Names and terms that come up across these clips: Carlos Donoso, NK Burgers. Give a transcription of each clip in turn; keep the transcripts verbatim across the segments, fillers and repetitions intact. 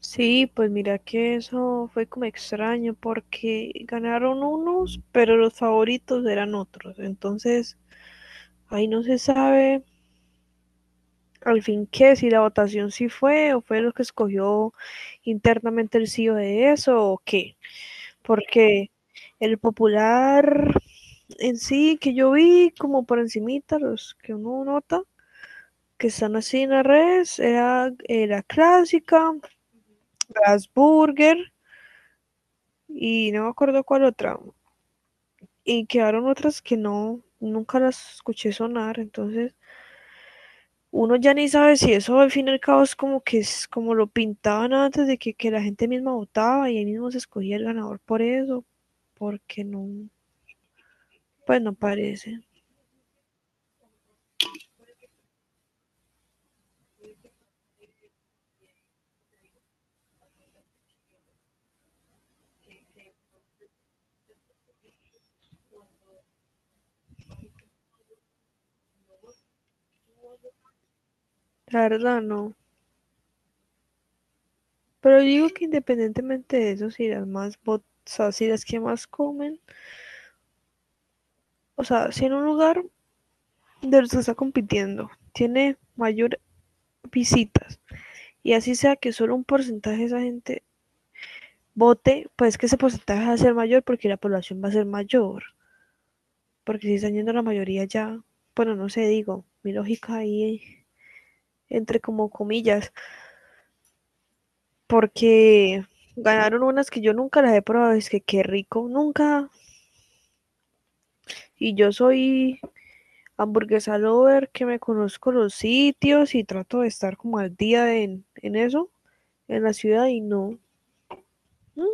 Sí, pues mira que eso fue como extraño porque ganaron unos, pero los favoritos eran otros. Entonces, ahí no se sabe al fin qué, si la votación sí fue o fue los que escogió internamente el C E O de eso o qué. Porque el popular en sí que yo vi como por encimita, los que uno nota, que están así en las redes, era eh, la clásica, las burger y no me acuerdo cuál otra. Y quedaron otras que no, nunca las escuché sonar. Entonces uno ya ni sabe si eso al fin y al cabo es como que es como lo pintaban antes de que, que la gente misma votaba y ahí mismo se escogía el ganador por eso, porque no, pues no parece, la verdad no. Pero yo digo que independientemente de eso, si las más votadas, o sea, si las que más comen, o sea, si en un lugar de los que está compitiendo tiene mayor visitas y así sea que solo un porcentaje de esa gente vote, pues que ese porcentaje va a ser mayor porque la población va a ser mayor. Porque si están yendo la mayoría ya, bueno, no sé, digo, mi lógica ahí entre como comillas, porque ganaron unas que yo nunca las he probado, es que qué rico, nunca. Y yo soy hamburguesa lover, que me conozco los sitios y trato de estar como al día en, en eso, en la ciudad y no. ¿Mm?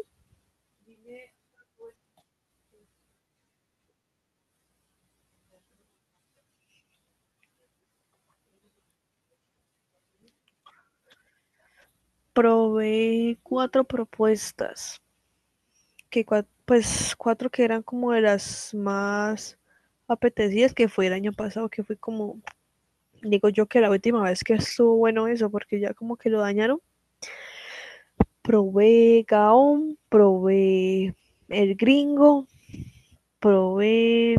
Probé cuatro propuestas que cua- pues cuatro que eran como de las más apetecidas que fue el año pasado, que fue como, digo yo que la última vez que estuvo bueno eso, porque ya como que lo dañaron. Probé Gaon, probé el gringo, probé,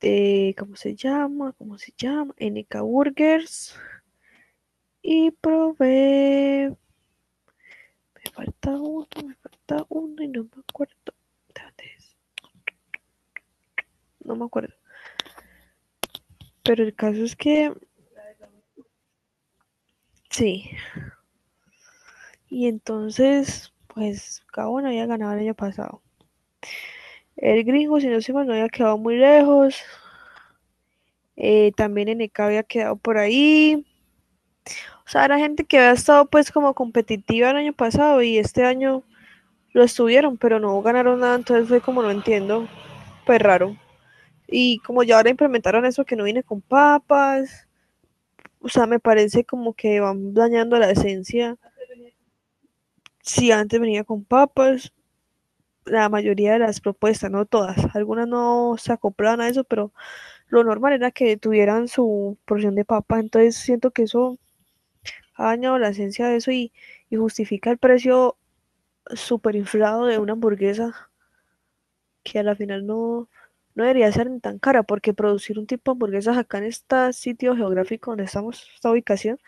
eh, ¿cómo se llama? ¿Cómo se llama? N K Burgers. Y probé, me falta uno, me falta uno y no me acuerdo. ¿Dónde es? No me acuerdo. Pero el caso es que, sí, y entonces, pues Gabón había ganado el año pasado. El gringo, si no se mal, no había quedado muy lejos. Eh, también Eneca había quedado por ahí. O sea, era gente que había estado pues como competitiva el año pasado y este año lo estuvieron, pero no ganaron nada, entonces fue como no entiendo, pues raro. Y como ya ahora implementaron eso que no viene con papas, o sea, me parece como que van dañando la esencia. Si antes venía con papas, la mayoría de las propuestas, no todas. Algunas no se acoplaban a eso, pero lo normal era que tuvieran su porción de papa. Entonces siento que eso ha dañado la esencia de eso y, y justifica el precio súper inflado de una hamburguesa que a la final no, no debería ser ni tan cara, porque producir un tipo de hamburguesas acá en este sitio geográfico donde estamos, esta ubicación,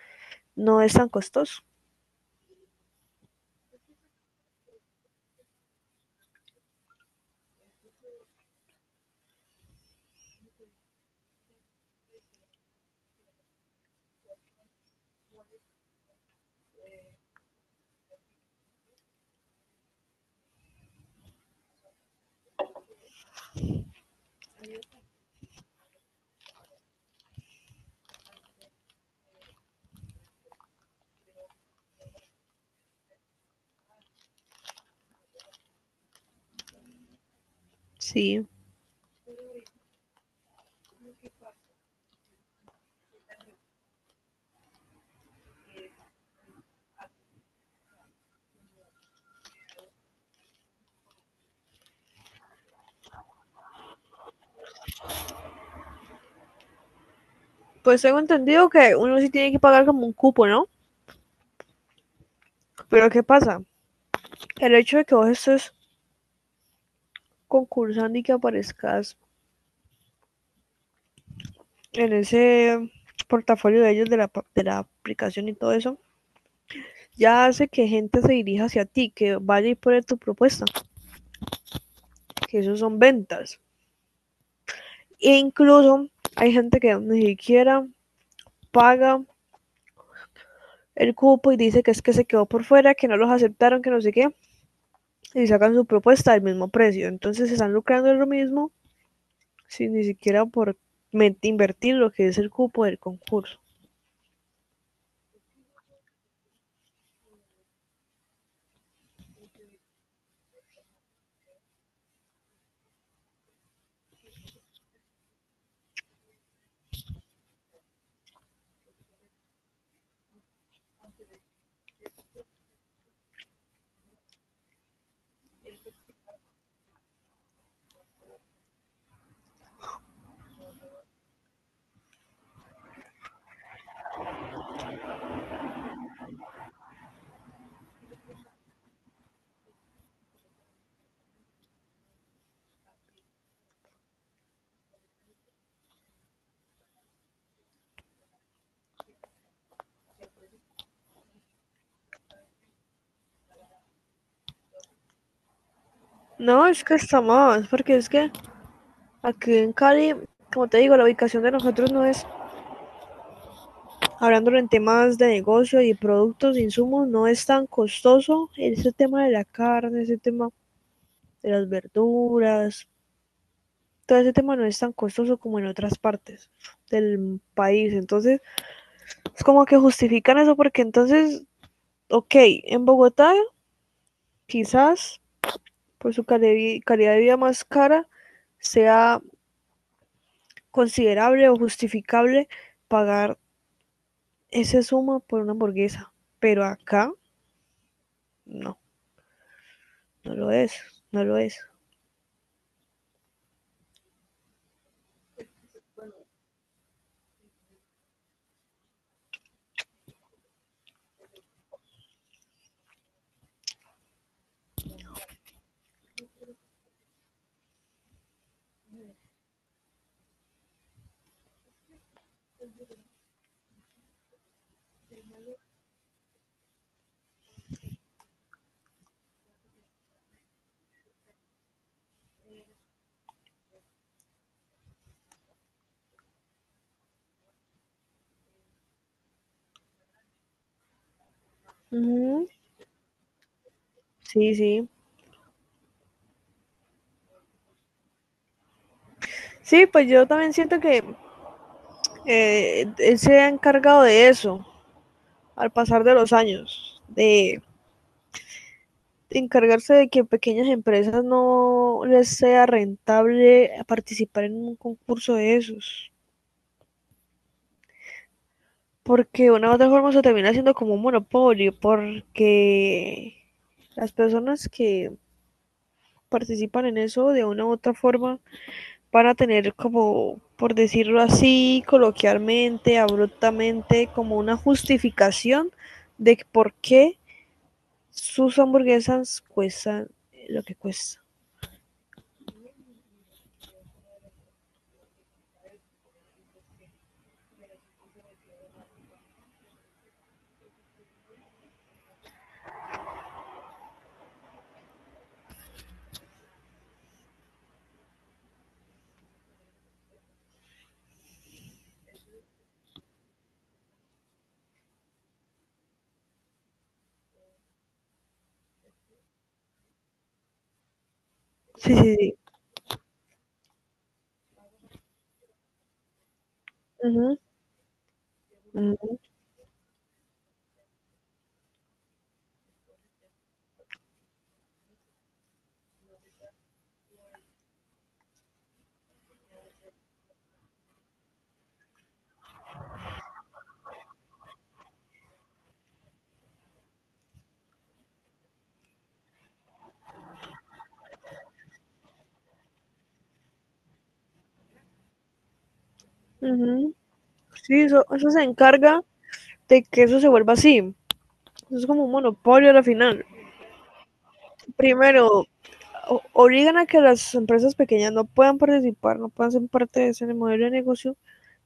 no es tan costoso. Sí. Pues tengo entendido que uno sí tiene que pagar como un cupo, ¿no? Pero ¿qué pasa? El hecho de que vos estés concursando y que aparezcas en ese portafolio de ellos de la, de la aplicación y todo eso, ya hace que gente se dirija hacia ti, que vaya y pone tu propuesta, que eso son ventas. E incluso hay gente que ni siquiera paga el cupo y dice que es que se quedó por fuera, que no los aceptaron, que no sé qué, y sacan su propuesta al mismo precio. Entonces se están lucrando de lo mismo sin ni siquiera por invertir lo que es el cupo del concurso. No, es que está más, porque es que aquí en Cali, como te digo, la ubicación de nosotros no es, hablándolo en temas de negocio y productos, insumos, no es tan costoso. Ese tema de la carne, ese tema de las verduras, todo ese tema no es tan costoso como en otras partes del país. Entonces, es como que justifican eso porque entonces, ok, en Bogotá quizás por su cali- calidad de vida más cara sea considerable o justificable pagar ese suma por una hamburguesa, pero acá no, no lo es, no lo es. Ujú. Sí, sí. Sí, pues yo también siento que eh, él se ha encargado de eso al pasar de los años, de encargarse de que pequeñas empresas no les sea rentable participar en un concurso de esos, porque de una u otra forma se termina haciendo como un monopolio, porque las personas que participan en eso de una u otra forma van a tener como, por decirlo así, coloquialmente, abruptamente, como una justificación de por qué sus hamburguesas cuestan lo que cuesta. Sí, sí, sí. Ujú, ujú, ujú. Sí, eso, eso se encarga de que eso se vuelva así. Eso es como un monopolio a la final. Primero, o- obligan a que las empresas pequeñas no puedan participar, no puedan ser parte de ese modelo de negocio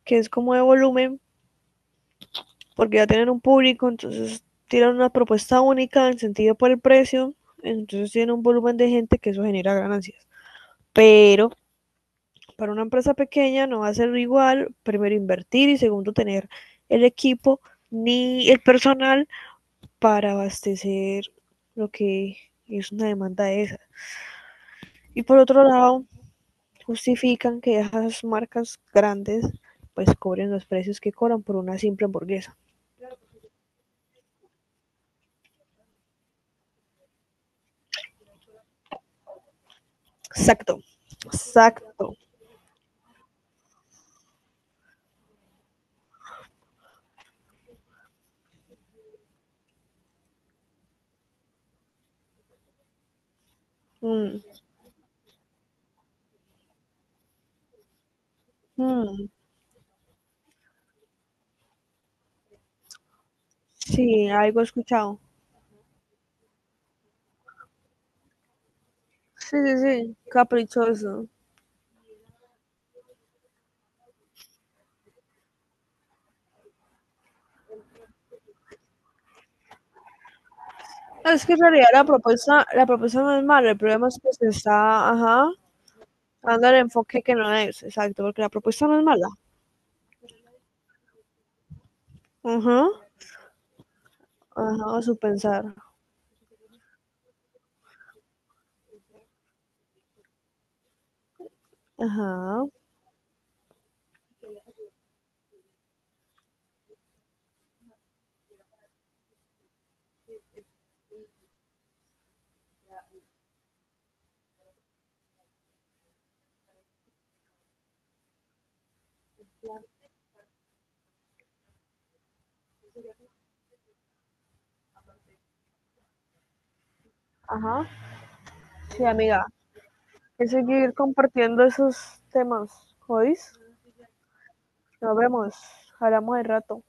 que es como de volumen porque ya tienen un público, entonces tiran una propuesta única en sentido por el precio, entonces tienen un volumen de gente que eso genera ganancias. Pero para una empresa pequeña no va a ser igual, primero invertir y segundo tener el equipo ni el personal para abastecer lo que es una demanda de esa. Y por otro lado, justifican que esas marcas grandes pues cobren los precios que cobran por una simple hamburguesa. Exacto, exacto. Mm. Mm, sí, algo he escuchado. Sí, sí, sí, caprichoso. No, es que en realidad la propuesta, la propuesta no es mala, el problema es que se está, ajá, dando el enfoque que no es, exacto, porque la propuesta no es mala. Ajá, ajá, su pensar. Ajá, ajá. Sí, amiga, hay que seguir compartiendo esos temas, ¿oís? Nos vemos, hablamos de rato.